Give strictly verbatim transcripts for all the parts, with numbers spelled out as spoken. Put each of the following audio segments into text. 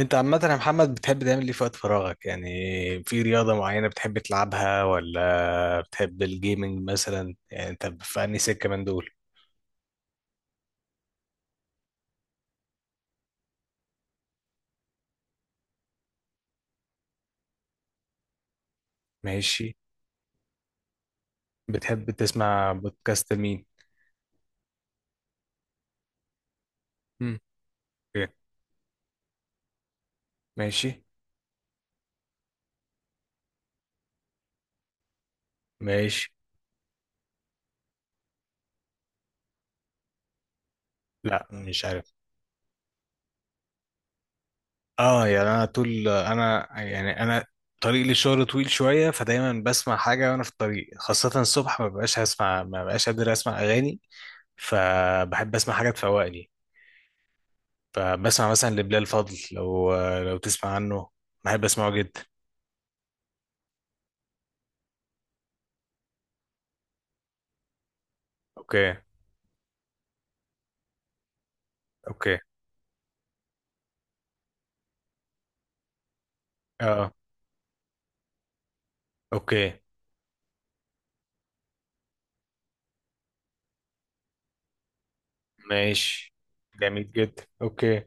انت عامة يا محمد، بتحب تعمل ايه في وقت فراغك يعني؟ في رياضة معينة بتحب تلعبها، ولا بتحب الجيمنج مثلا؟ يعني انت في انهي سكة من دول؟ ماشي. بتحب تسمع بودكاست مين؟ مم. اوكي. ماشي، ماشي. لا، مش عارف. اه، يعني انا طول انا يعني انا طريق للشغل طويل شوية، فدايما بسمع حاجة وانا في الطريق، خاصة الصبح ما ببقاش هسمع ما ببقاش قادر اسمع اغاني، فبحب اسمع حاجة تفوقني. فبسمع مثلا لبلال فضل، لو لو تسمع عنه. بحب اسمعه جدا. اوكي، اوكي. اه، اوكي. ماشي، جميل جدا. اوكي،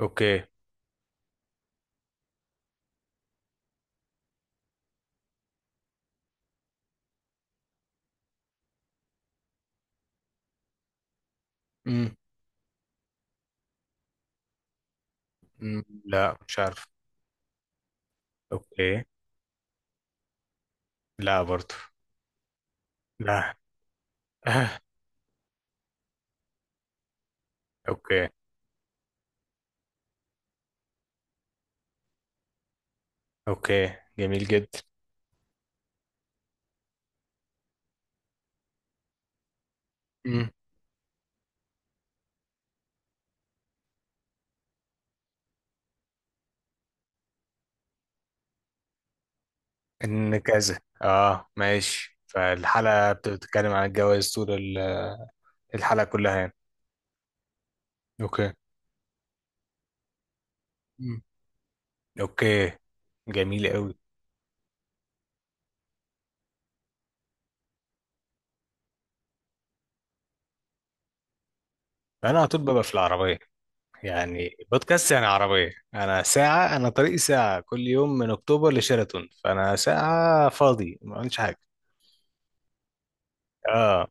اوكي. امم. أمم. لا، مش عارف. اوكي. لا، برضو. لا. آه. اوكي، اوكي. جميل جدا. امم. ان كذا، اه ماشي. فالحلقة بتتكلم عن الجواز طول ال- الحلقة كلها يعني. اوكي. أمم. اوكي، جميل قوي. انا على طول ببقى في العربية، يعني بودكاست يعني عربية. أنا ساعة، أنا طريقي ساعة كل يوم من أكتوبر لشيراتون، فأنا ساعة فاضي ما عملتش حاجة. آه.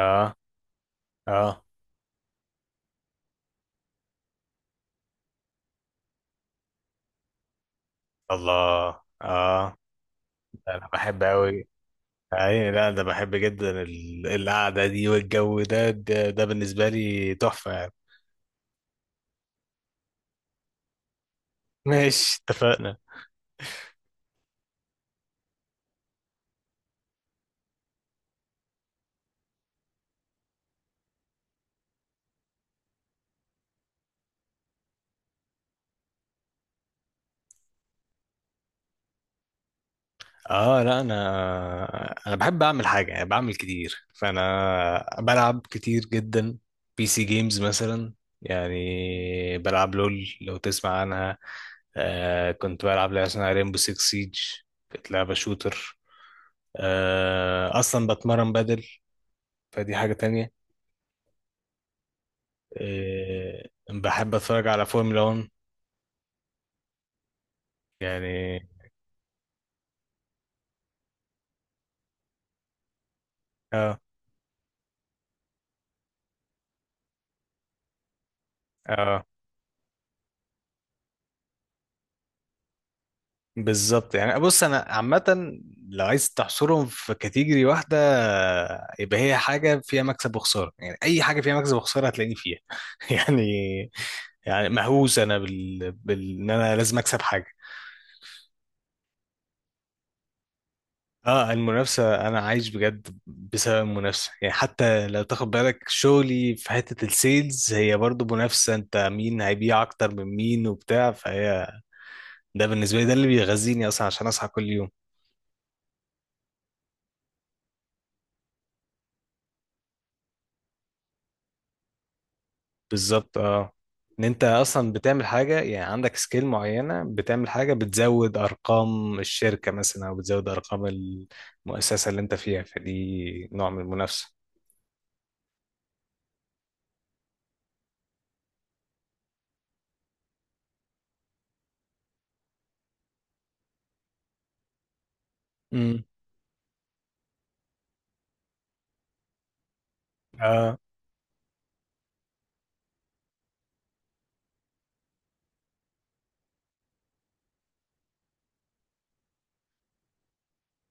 آه. آه. الله، آه. ده أنا بحب أوي. أي، لا ده بحب جدا ال- القعدة دي والجو ده ده, ده بالنسبة لي تحفة يعني. ماشي، اتفقنا. اه لا، انا انا بحب اعمل حاجه، يعني بعمل كتير، فانا بلعب كتير جدا بي سي جيمز مثلا. يعني بلعب لول، لو تسمع عنها. آه كنت بلعب لعبه اسمها ريمبو سيكس سيج، كانت لعبه شوتر. آه اصلا بتمرن بدل، فدي حاجه تانية. آه بحب اتفرج على فورمولا واحد يعني. اه، اه بالظبط. يعني بص انا عامه، لو عايز تحصرهم في كاتيجوري واحده، يبقى هي حاجه فيها مكسب وخساره. يعني اي حاجه فيها مكسب وخساره هتلاقيني فيها. يعني، يعني مهووس انا بال... بال... ان انا لازم اكسب حاجه. اه، المنافسه انا عايش بجد بسبب المنافسه، يعني حتى لو تاخد بالك شغلي في حته السيلز، هي برضو منافسه. انت مين هيبيع اكتر من مين وبتاع، فهي ده بالنسبه لي ده اللي بيغذيني اصلا عشان اصحى كل يوم. بالظبط، اه. ان انت اصلا بتعمل حاجه، يعني عندك سكيل معينه، بتعمل حاجه بتزود ارقام الشركه مثلا او بتزود ارقام المؤسسه اللي انت فيها، فدي نوع من المنافسه. امم. اه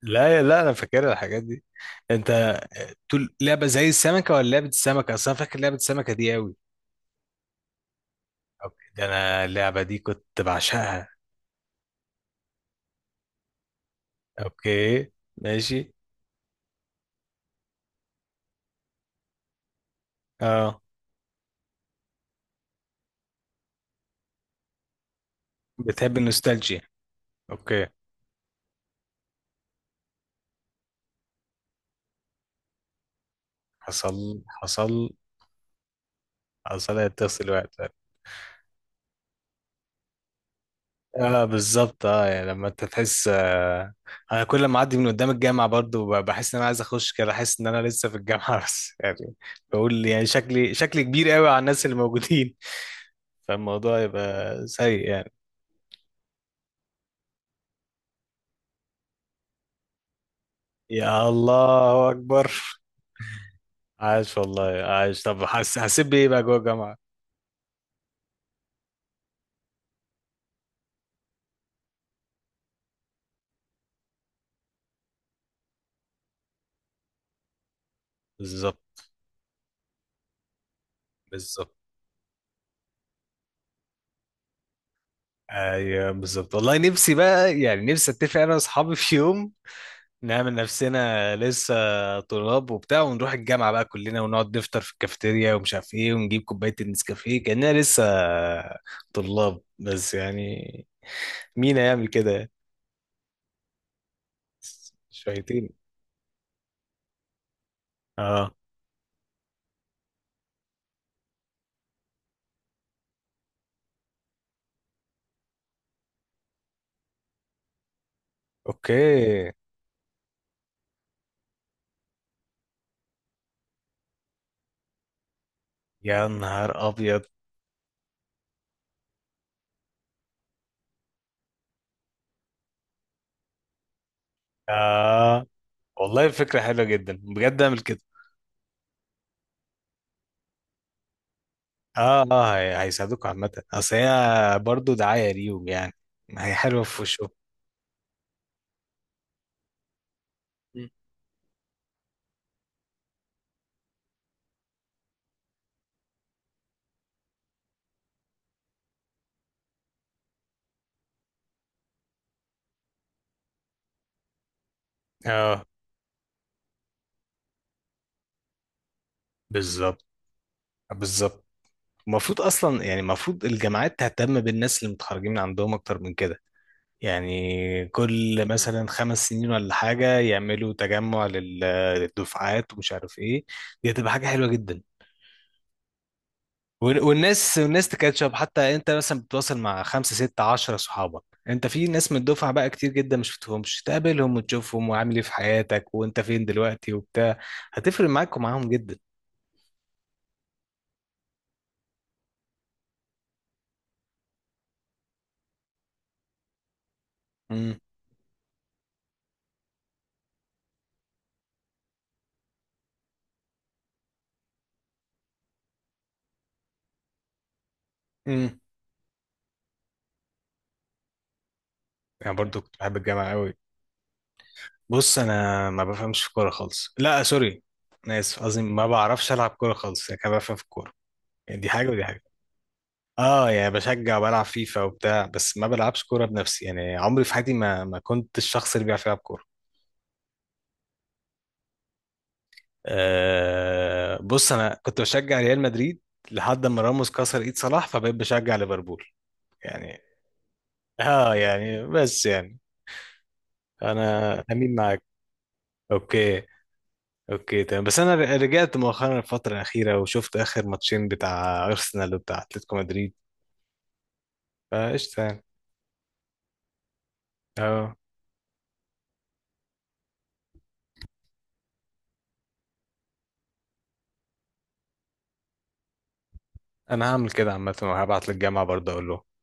لا، لا انا فاكر الحاجات دي. انت تقول لعبه زي السمكه ولا لعبه السمكه اصلا؟ فاكر لعبه السمكه دي قوي. اوكي، ده انا اللعبه دي كنت بعشقها. اوكي، ماشي. اه، بتحب النوستالجيا. اوكي. حصل، حصل. حصل، اتصل الوقت. اه بالظبط. اه، يعني لما انت تحس، آه انا كل ما اعدي من قدام الجامعه، برضو ب- بحس ان انا عايز اخش كده، احس ان انا لسه في الجامعه. بس يعني بقول يعني شكلي شكلي كبير قوي على الناس اللي موجودين. فالموضوع يبقى سيء يعني. يا الله اكبر. عايش والله عايش. طب حس هسيب ايه بقى جوه الجامعه. بالظبط. بالظبط. ايوه بالظبط، والله نفسي بقى، يعني نفسي اتفق انا واصحابي في يوم، نعمل نفسنا لسه طلاب وبتاع، ونروح الجامعة بقى كلنا، ونقعد نفطر في الكافيتيريا، ومش عارف ايه، ونجيب كوباية النسكافيه كأننا لسه طلاب، بس يعني مين هيعمل كده يعني؟ شويتين. اه. اوكي، يا نهار ابيض. اه والله فكرة حلوة جدا، بجد اعمل كده. اه، اه هي- هيساعدوك عامة، اصل هي برضه دعاية ليهم يعني، هي حلوة في وشهم. اه بالظبط. بالظبط. المفروض اصلا، يعني المفروض الجامعات تهتم بالناس اللي متخرجين من عندهم اكتر من كده، يعني كل مثلا خمس سنين ولا حاجه يعملوا تجمع لل- للدفعات، ومش عارف ايه. دي هتبقى حاجه حلوه جدا. وال- والناس والناس تكاتشب، حتى انت مثلا بتتواصل مع خمسه سته عشره صحابك. انت في ناس من الدفعه بقى كتير جدا مش بتشوفهمش، تقابلهم وتشوفهم وعامل ايه في حياتك وانت فين دلوقتي وبتاع، هتفرق معاك ومعاهم جدا. امم. امم. يعني برضو كنت بحب الجامعه قوي. بص انا ما بفهمش في كوره خالص. لا، سوري. انا اسف، قصدي ما بعرفش العب كوره خالص، يعني كده بفهم في الكوره، يعني دي حاجه ودي حاجه. اه يعني بشجع وبلعب فيفا وبتاع، بس ما بلعبش كوره بنفسي. يعني عمري في حياتي ما ما كنت الشخص اللي بيعرف يلعب كوره. آه بص انا كنت بشجع ريال مدريد، لحد ما راموس كسر ايد صلاح، فبقيت بشجع ليفربول يعني. اه يعني بس يعني انا امين معاك. اوكي، اوكي تمام. بس انا ر- رجعت مؤخرا الفتره الاخيره، وشفت اخر ماتشين بتاع ارسنال وبتاع اتلتيكو مدريد، فقشطه يعني. اه، انا هعمل كده عامه، وهبعت للجامعه برضه اقول لهم.